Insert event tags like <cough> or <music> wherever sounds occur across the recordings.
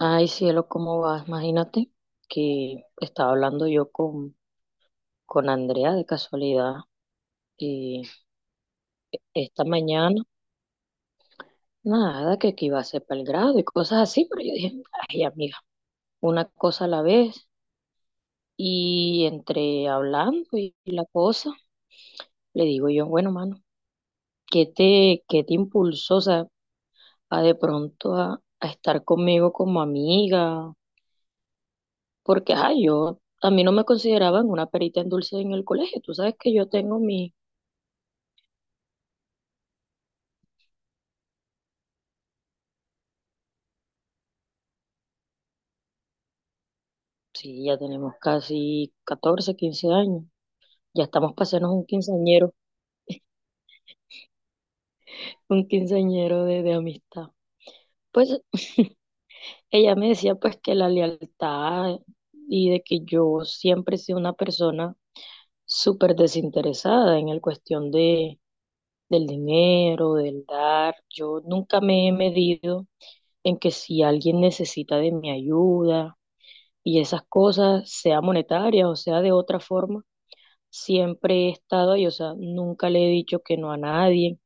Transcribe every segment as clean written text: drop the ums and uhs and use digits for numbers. Ay, cielo, ¿cómo vas? Imagínate que estaba hablando yo con Andrea de casualidad y esta mañana, nada, que aquí iba a ser para el grado y cosas así, pero yo dije, ay, amiga, una cosa a la vez. Y entre hablando y la cosa, le digo yo, bueno, mano, ¿ qué te impulsó, o sea, a de pronto a estar conmigo como amiga? Porque, ay, yo... A mí no me consideraban una perita en dulce en el colegio. Tú sabes que yo tengo mi... Sí, ya tenemos casi 14, 15 años. Ya estamos pasando un quinceañero de amistad. Pues ella me decía pues que la lealtad y de que yo siempre he sido una persona súper desinteresada en la cuestión del dinero, del dar. Yo nunca me he medido en que si alguien necesita de mi ayuda y esas cosas, sea monetaria o sea de otra forma siempre he estado ahí, o sea, nunca le he dicho que no a nadie,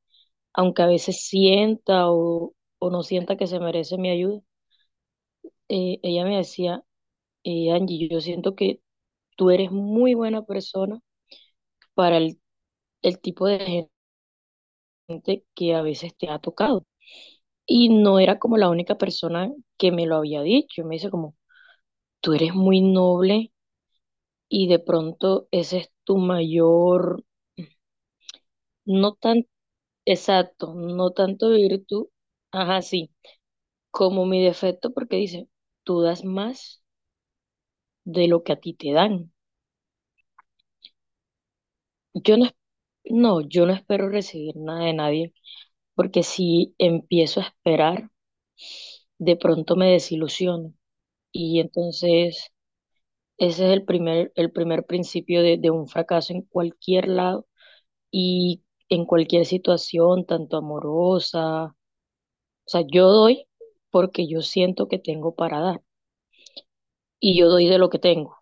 aunque a veces o no sienta que se merece mi ayuda. Ella me decía, Angie, yo siento que tú eres muy buena persona para el tipo de gente que a veces te ha tocado. Y no era como la única persona que me lo había dicho. Me dice como, tú eres muy noble y de pronto ese es tu mayor... No tan... Exacto, no tanto virtud, ajá, sí, como mi defecto porque dice, tú das más de lo que a ti te dan. Yo no, es- No, yo no espero recibir nada de nadie porque si empiezo a esperar, de pronto me desilusiono. Y entonces ese es el el primer principio de un fracaso en cualquier lado y en cualquier situación, tanto amorosa. O sea, yo doy porque yo siento que tengo para dar, y yo doy de lo que tengo.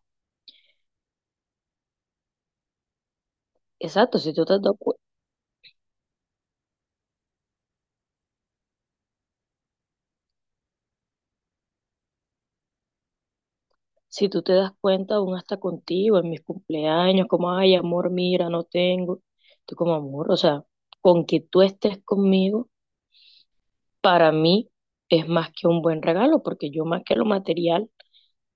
Exacto, si tú te has dado cu- Si tú te das cuenta, aún hasta contigo, en mis cumpleaños, como, ay, amor, mira, no tengo. Tú como amor, o sea, con que tú estés conmigo, para mí es más que un buen regalo, porque yo más que lo material,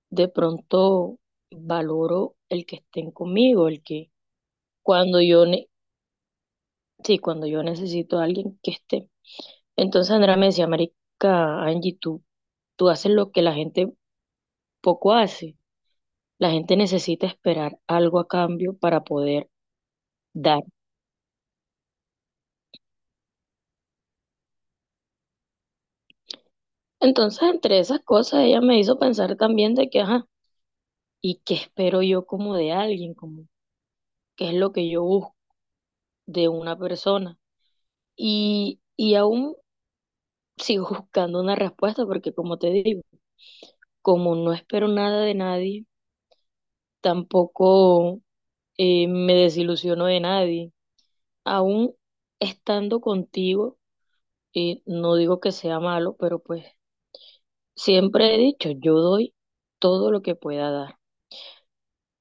de pronto valoro el que estén conmigo, el que cuando yo, ne- sí, cuando yo necesito a alguien que esté. Entonces Andrea me decía, marica, Angie, tú haces lo que la gente poco hace. La gente necesita esperar algo a cambio para poder dar. Entonces, entre esas cosas, ella me hizo pensar también de que, ajá, ¿y qué espero yo como de alguien? Como, ¿qué es lo que yo busco de una persona? Y aún sigo <laughs> buscando una respuesta porque, como te digo, como no espero nada de nadie, tampoco me desilusiono de nadie. Aún estando contigo, y no digo que sea malo, pero pues siempre he dicho, yo doy todo lo que pueda dar.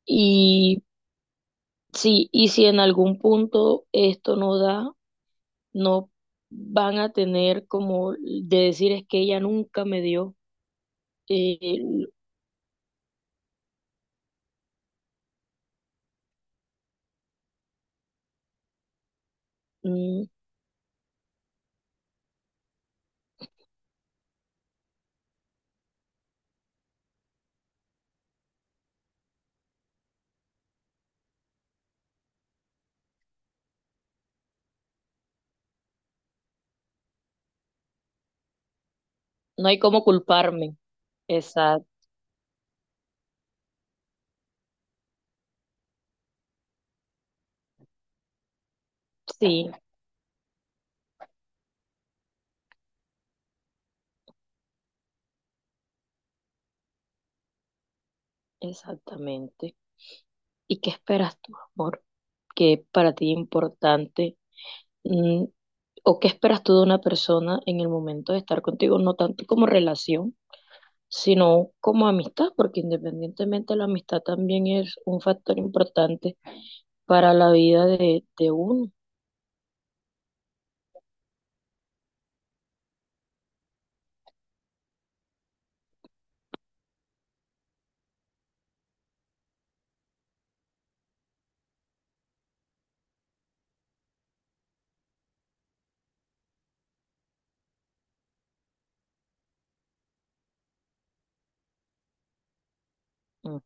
y Sí, y si en algún punto esto no da, no van a tener como de decir es que ella nunca me dio, eh, mm, no hay cómo culparme. Exacto, sí. Exactamente. ¿Y qué esperas tú, amor? ¿Qué para ti es importante? Mm, ¿o qué esperas tú de una persona en el momento de estar contigo? No tanto como relación, sino como amistad, porque independientemente la amistad también es un factor importante para la vida de uno. Ujú.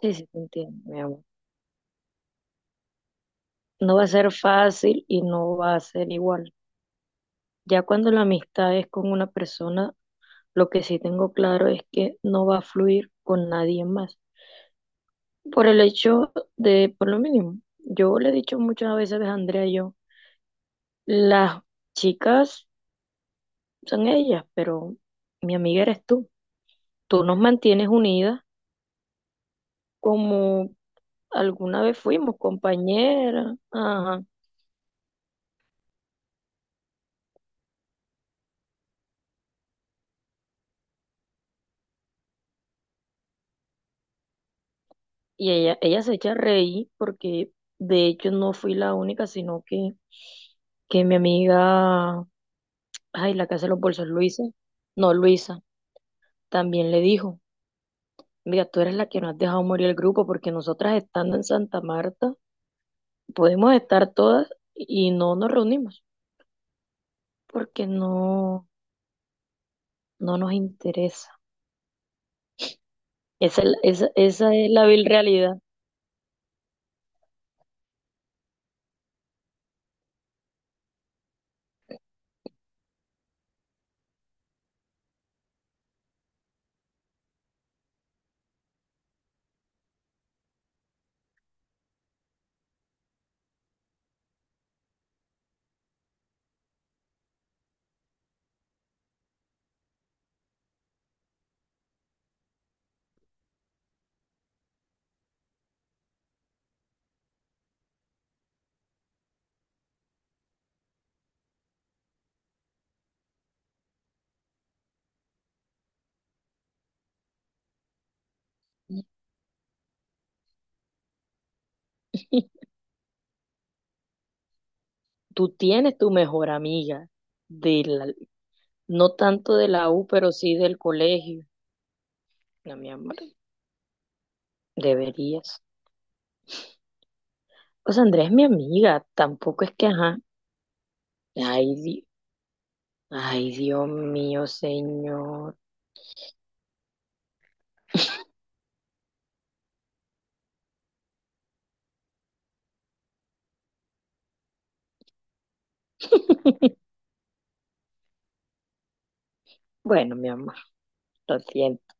Sí, sí, te entiendo, mi amor. No va a ser fácil y no va a ser igual. Ya cuando la amistad es con una persona... Lo que sí tengo claro es que no va a fluir con nadie más. Por el hecho de, por lo mínimo, yo le he dicho muchas veces a Andrea, y yo, las chicas son ellas, pero mi amiga eres tú. Tú nos mantienes unidas como alguna vez fuimos compañeras. Ajá. Y ella se echa a reír porque de hecho no fui la única, sino que mi amiga, ay, la que hace los bolsos, Luisa, no, Luisa, también le dijo. Mira, tú eres la que no has dejado morir el grupo porque nosotras estando en Santa Marta podemos estar todas y no nos reunimos porque no nos interesa. Esa es la vil realidad. <laughs> Tú tienes tu mejor amiga, de la, no tanto de la U, pero sí del colegio. No, mi amor, deberías. O sea, Andrea es mi amiga, tampoco es que, ajá. Ay, di- Ay, Dios mío, señor. Bueno, mi amor, lo siento.